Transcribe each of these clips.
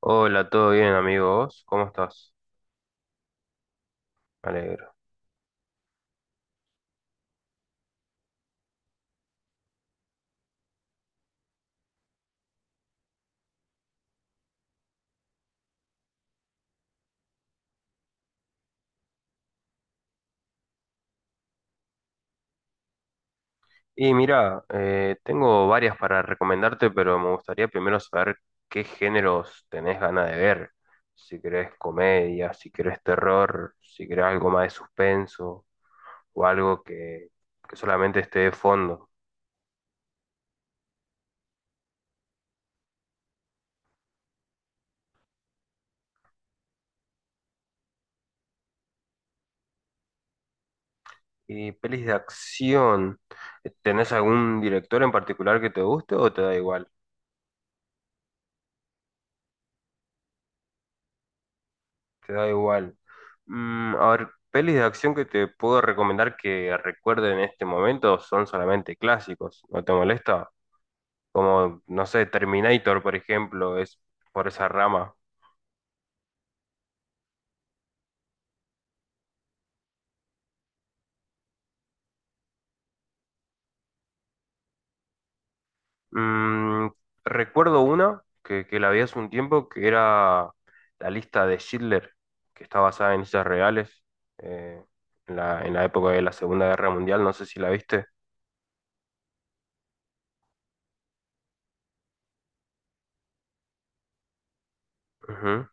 Hola, ¿todo bien, amigos? ¿Cómo estás? Me alegro. Y mira, tengo varias para recomendarte, pero me gustaría primero saber qué géneros tenés ganas de ver. Si querés comedia, si querés terror, si querés algo más de suspenso o algo que solamente esté de fondo. Y pelis de acción, ¿tenés algún director en particular que te guste o te da igual? Te da igual. Mm, a ver, pelis de acción que te puedo recomendar que recuerde en este momento son solamente clásicos, ¿no te molesta? Como, no sé, Terminator, por ejemplo, es por esa rama. Mm, recuerdo una que la vi hace un tiempo que era la lista de Schindler, que está basada en hechos reales, eh, en la época de la Segunda Guerra Mundial, no sé si la viste. Ujú.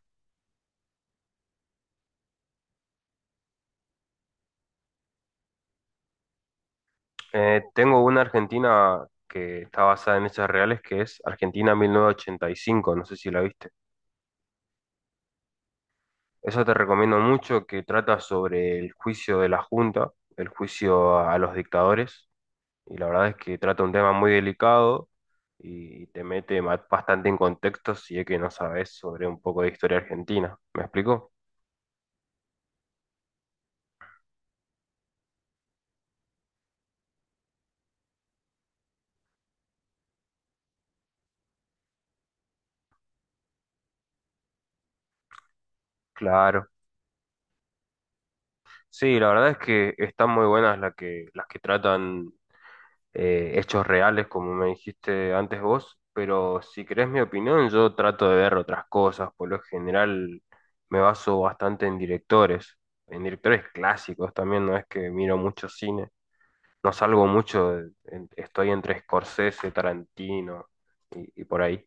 Tengo una Argentina que está basada en hechos reales, que es Argentina 1985, no sé si la viste. Esa te recomiendo mucho, que trata sobre el juicio de la Junta, el juicio a los dictadores, y la verdad es que trata un tema muy delicado y te mete bastante en contexto si es que no sabes sobre un poco de historia argentina. ¿Me explico? Claro. Sí, la verdad es que están muy buenas las que tratan hechos reales, como me dijiste antes vos, pero si querés mi opinión, yo trato de ver otras cosas. Por lo general me baso bastante en directores clásicos también, no es que miro mucho cine. No salgo mucho, estoy entre Scorsese, Tarantino y por ahí.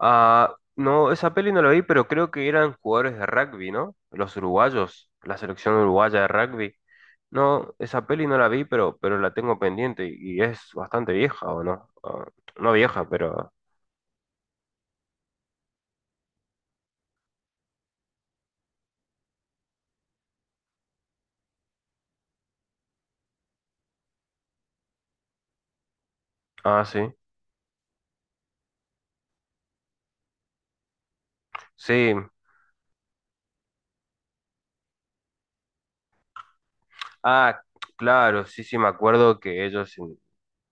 Ah, no, esa peli no la vi, pero creo que eran jugadores de rugby, ¿no? Los uruguayos, la selección uruguaya de rugby. No, esa peli no la vi, pero la tengo pendiente y es bastante vieja, ¿o no? Ah, no vieja, pero... Ah, sí. Sí. Ah, claro, sí, sí, me acuerdo que ellos en-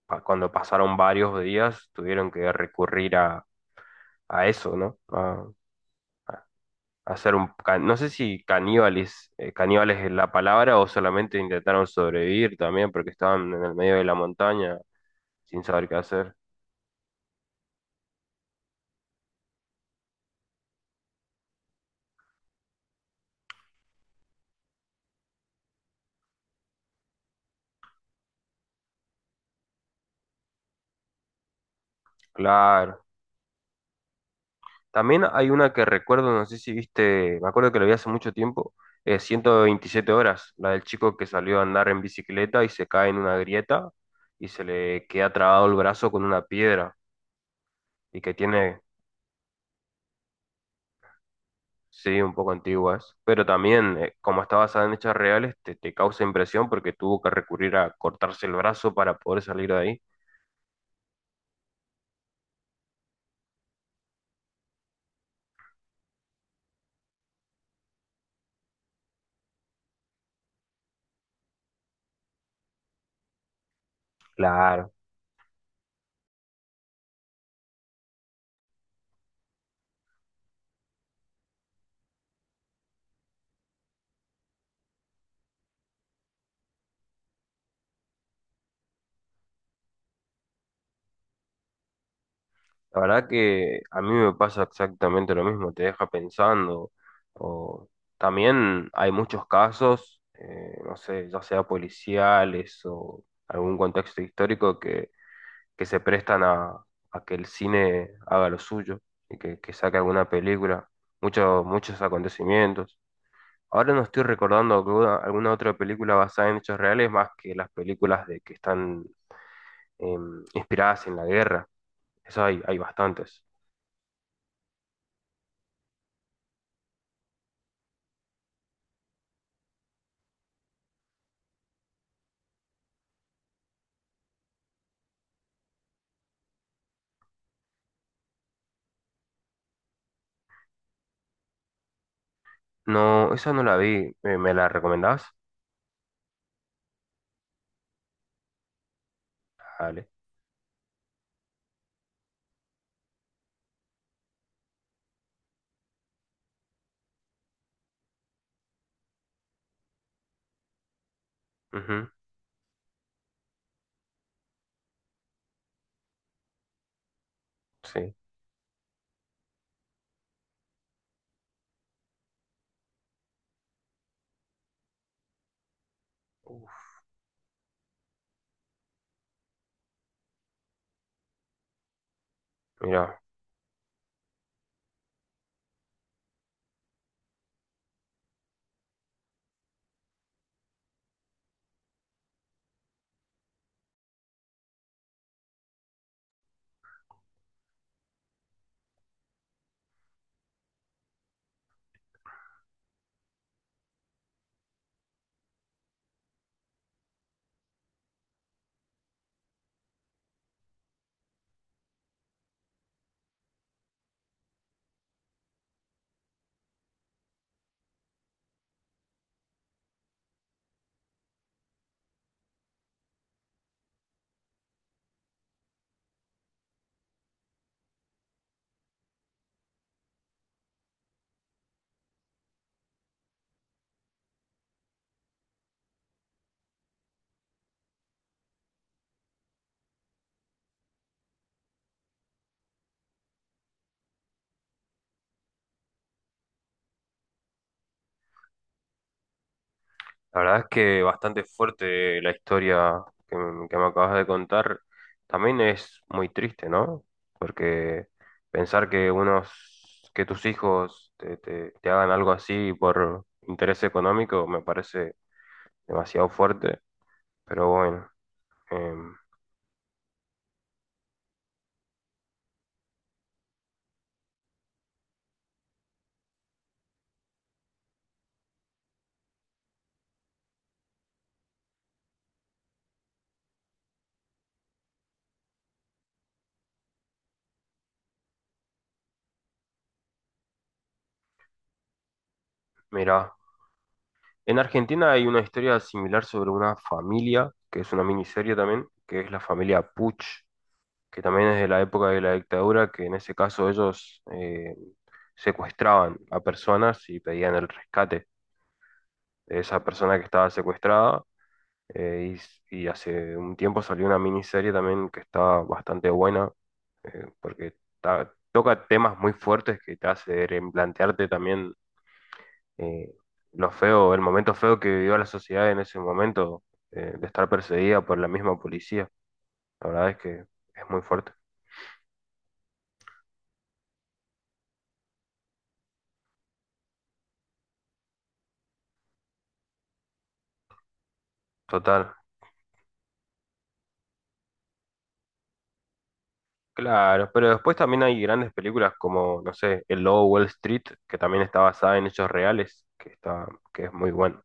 pa- cuando pasaron varios días tuvieron que recurrir a eso, ¿no? A hacer un... No sé si caníbales, caníbales es la palabra o solamente intentaron sobrevivir también porque estaban en el medio de la montaña sin saber qué hacer. Claro. También hay una que recuerdo, no sé si viste, me acuerdo que la vi hace mucho tiempo, 127 horas, la del chico que salió a andar en bicicleta y se cae en una grieta y se le queda trabado el brazo con una piedra y que tiene, sí, un poco antiguas, pero también, como está basada en hechos reales, te causa impresión porque tuvo que recurrir a cortarse el brazo para poder salir de ahí. Claro. La verdad que a mí me pasa exactamente lo mismo, te deja pensando. O también hay muchos casos, no sé, ya sea policiales o algún contexto histórico que se prestan a que el cine haga lo suyo y que saque alguna película, muchos acontecimientos. Ahora no estoy recordando alguna otra película basada en hechos reales más que las películas de que están inspiradas en la guerra. Eso hay bastantes. No, esa no la vi. ¿Me la recomendabas? Vale. Ujú. Sí. Uf, mira, la verdad es que bastante fuerte la historia que me acabas de contar. También es muy triste, ¿no? Porque pensar que unos, que tus hijos te hagan algo así por interés económico me parece demasiado fuerte. Pero bueno, em, mira. En Argentina hay una historia similar sobre una familia, que es una miniserie también, que es la familia Puch, que también es de la época de la dictadura, que en ese caso ellos secuestraban a personas y pedían el rescate de esa persona que estaba secuestrada. eh, y hace un tiempo salió una miniserie también que está bastante buena, porque toca temas muy fuertes que te hace replantearte también eh, lo feo, el momento feo que vivió la sociedad en ese momento, de estar perseguida por la misma policía. La verdad es que es muy fuerte. Total. Claro, pero después también hay grandes películas como, no sé, El Lobo de Wall Street, que también está basada en hechos reales, que es muy bueno.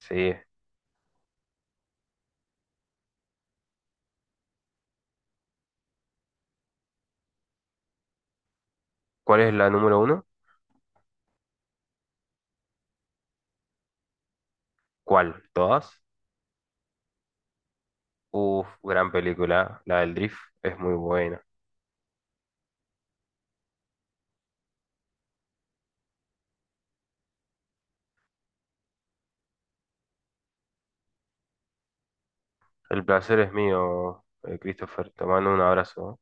Sí. ¿Cuál es la número uno? ¿Cuál? ¿Todas? Uf, gran película. La del Drift es muy buena. El placer es mío, Christopher. Te mando un abrazo.